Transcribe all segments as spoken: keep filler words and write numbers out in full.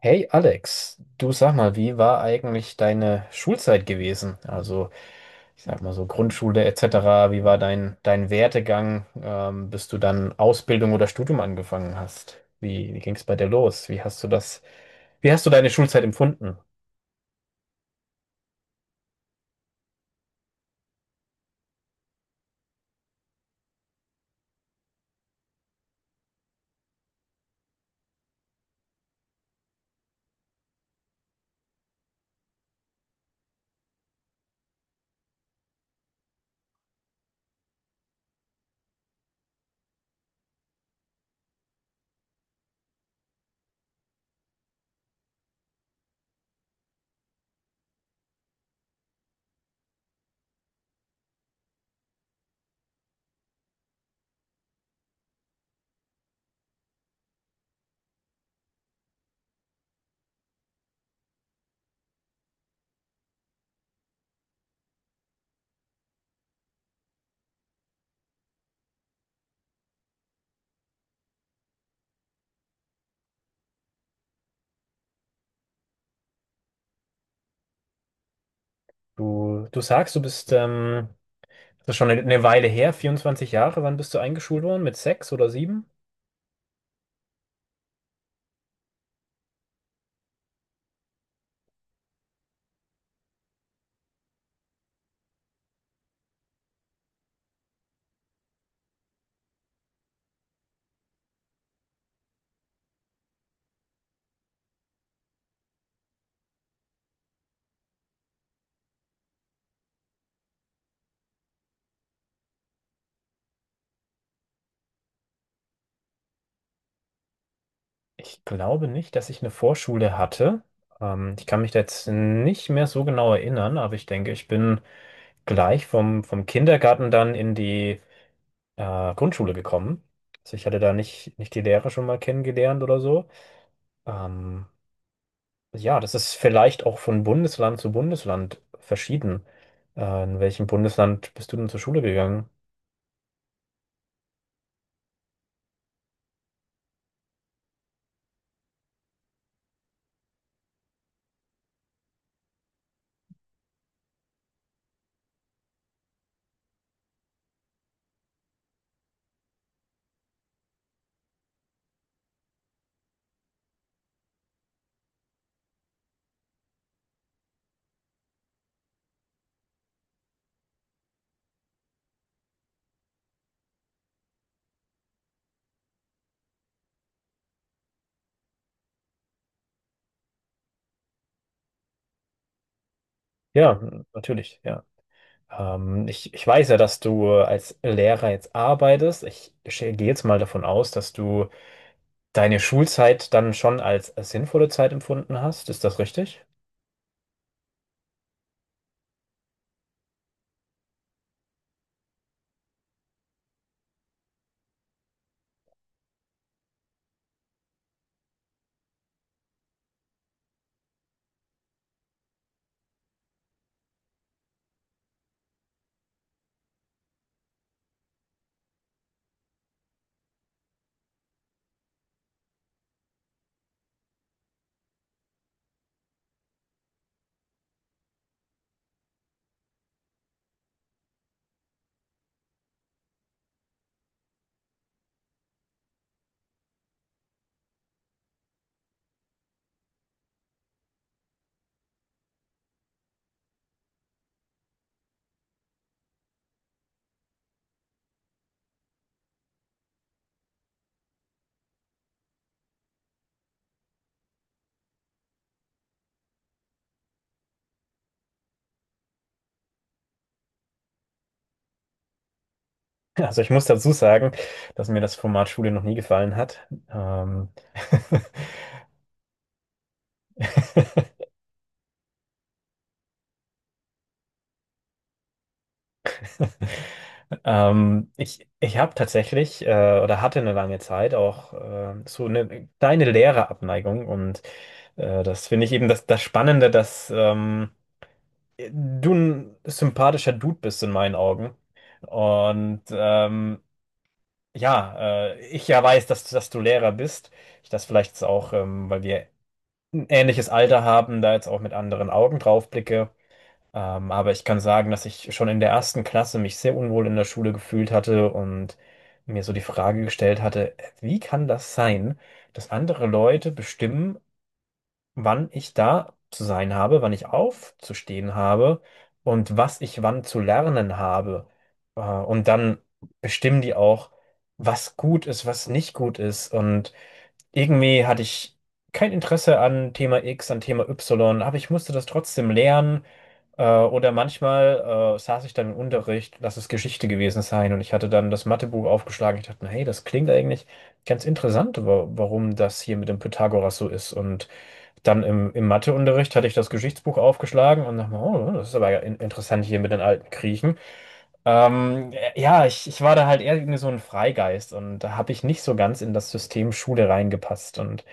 Hey Alex, du sag mal, wie war eigentlich deine Schulzeit gewesen? Also, ich sag mal so Grundschule et cetera. Wie war dein, dein Werdegang, ähm, bis du dann Ausbildung oder Studium angefangen hast? Wie, wie ging es bei dir los? Wie hast du das, wie hast du deine Schulzeit empfunden? Du, du sagst, du bist, ähm, das ist schon eine Weile her, vierundzwanzig Jahre. Wann bist du eingeschult worden? Mit sechs oder sieben? Ich glaube nicht, dass ich eine Vorschule hatte. Ähm, ich kann mich da jetzt nicht mehr so genau erinnern, aber ich denke, ich bin gleich vom, vom Kindergarten dann in die äh, Grundschule gekommen. Also ich hatte da nicht, nicht die Lehrer schon mal kennengelernt oder so. Ähm, ja, das ist vielleicht auch von Bundesland zu Bundesland verschieden. Äh, in welchem Bundesland bist du denn zur Schule gegangen? Ja, natürlich, ja. Ähm, ich, ich weiß ja, dass du als Lehrer jetzt arbeitest. Ich sch- gehe jetzt mal davon aus, dass du deine Schulzeit dann schon als, als sinnvolle Zeit empfunden hast. Ist das richtig? Also ich muss dazu sagen, dass mir das Format Schule noch nie gefallen hat. Ähm, ähm, ich ich habe tatsächlich äh, oder hatte eine lange Zeit auch äh, so eine kleine Lehrerabneigung und äh, das finde ich eben das, das Spannende, dass ähm, du ein sympathischer Dude bist in meinen Augen. Und ähm, ja, äh, ich ja weiß, dass, dass du Lehrer bist. Ich das vielleicht jetzt auch, ähm, weil wir ein ähnliches Alter haben, da jetzt auch mit anderen Augen drauf blicke. Ähm, aber ich kann sagen, dass ich schon in der ersten Klasse mich sehr unwohl in der Schule gefühlt hatte und mir so die Frage gestellt hatte, äh, wie kann das sein, dass andere Leute bestimmen, wann ich da zu sein habe, wann ich aufzustehen habe und was ich wann zu lernen habe. Äh, Und dann bestimmen die auch, was gut ist, was nicht gut ist. Und irgendwie hatte ich kein Interesse an Thema X, an Thema Y, aber ich musste das trotzdem lernen. Äh, Oder manchmal äh, saß ich dann im Unterricht, lass es Geschichte gewesen sein, und ich hatte dann das Mathebuch aufgeschlagen. Ich dachte, hey, das klingt eigentlich ganz interessant, wa- warum das hier mit dem Pythagoras so ist. Und dann im, im Matheunterricht hatte ich das Geschichtsbuch aufgeschlagen und dachte mir, oh, das ist aber ja in, interessant hier mit den alten Griechen. Ähm, ja, ich, ich war da halt eher irgendwie so ein Freigeist und da habe ich nicht so ganz in das System Schule reingepasst. Und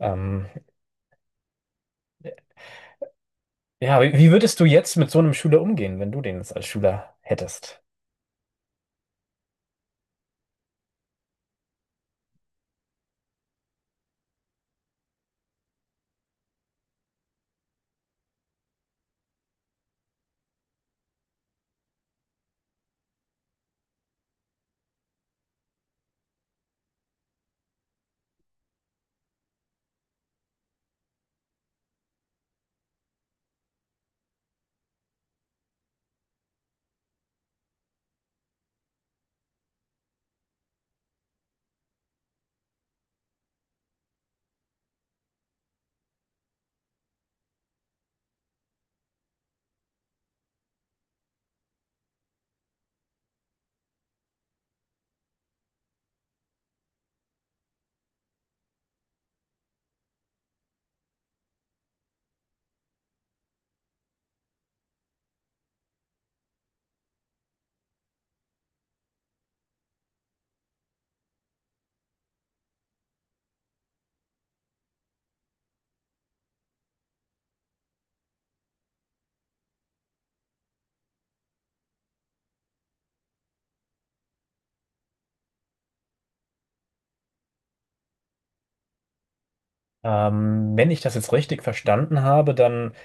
ähm, ja, wie, wie würdest du jetzt mit so einem Schüler umgehen, wenn du den jetzt als Schüler hättest? Ähm, wenn ich das jetzt richtig verstanden habe, dann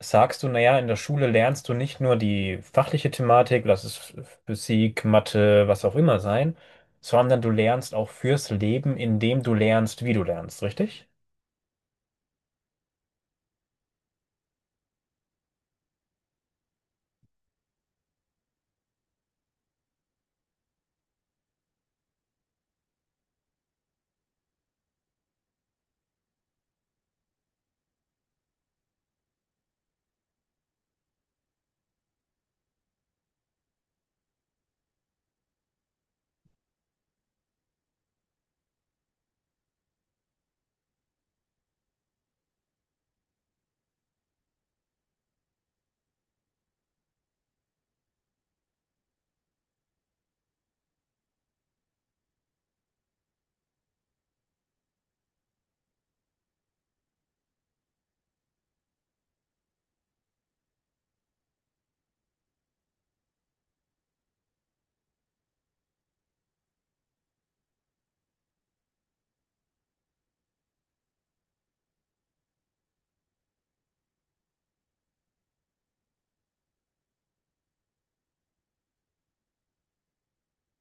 sagst du, naja, in der Schule lernst du nicht nur die fachliche Thematik, lass es Physik, Mathe, was auch immer sein, sondern du lernst auch fürs Leben, indem du lernst, wie du lernst, richtig?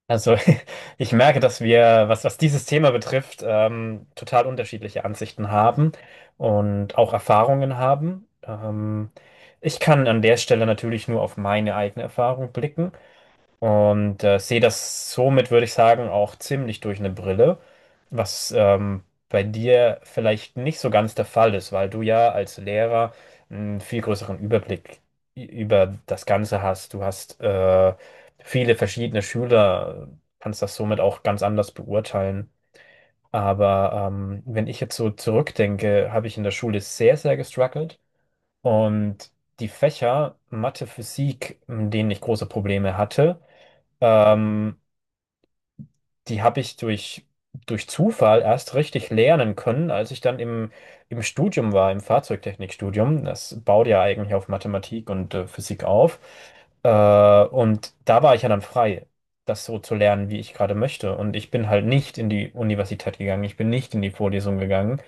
Also ich merke, dass wir, was, was dieses Thema betrifft, ähm, total unterschiedliche Ansichten haben und auch Erfahrungen haben. Ähm, ich kann an der Stelle natürlich nur auf meine eigene Erfahrung blicken. Und äh, sehe das somit, würde ich sagen, auch ziemlich durch eine Brille, was ähm, bei dir vielleicht nicht so ganz der Fall ist, weil du ja als Lehrer einen viel größeren Überblick i- über das Ganze hast. Du hast äh, viele verschiedene Schüler, kannst das somit auch ganz anders beurteilen. Aber ähm, wenn ich jetzt so zurückdenke, habe ich in der Schule sehr, sehr gestruggelt und die Fächer Mathe, Physik, in denen ich große Probleme hatte, ähm, die habe ich durch, durch Zufall erst richtig lernen können, als ich dann im, im Studium war, im Fahrzeugtechnikstudium. Das baut ja eigentlich auf Mathematik und äh, Physik auf. Äh, und da war ich ja dann frei, das so zu lernen, wie ich gerade möchte. Und ich bin halt nicht in die Universität gegangen, ich bin nicht in die Vorlesung gegangen.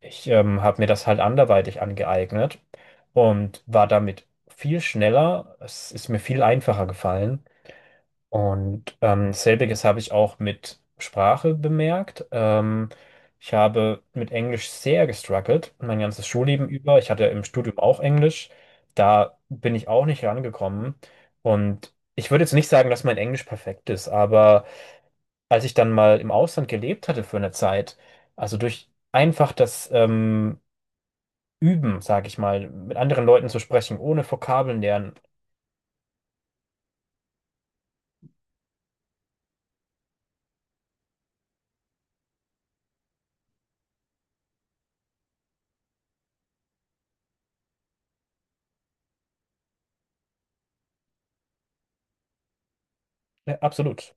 Ich ähm, habe mir das halt anderweitig angeeignet und war damit viel schneller. Es ist mir viel einfacher gefallen. Und ähm, selbiges habe ich auch mit Sprache bemerkt. Ähm, ich habe mit Englisch sehr gestruggelt, mein ganzes Schulleben über. Ich hatte im Studium auch Englisch. Da bin ich auch nicht rangekommen. Und ich würde jetzt nicht sagen, dass mein Englisch perfekt ist, aber als ich dann mal im Ausland gelebt hatte für eine Zeit, also durch einfach das ähm, Üben, sage ich mal, mit anderen Leuten zu sprechen, ohne Vokabeln lernen, ja, absolut.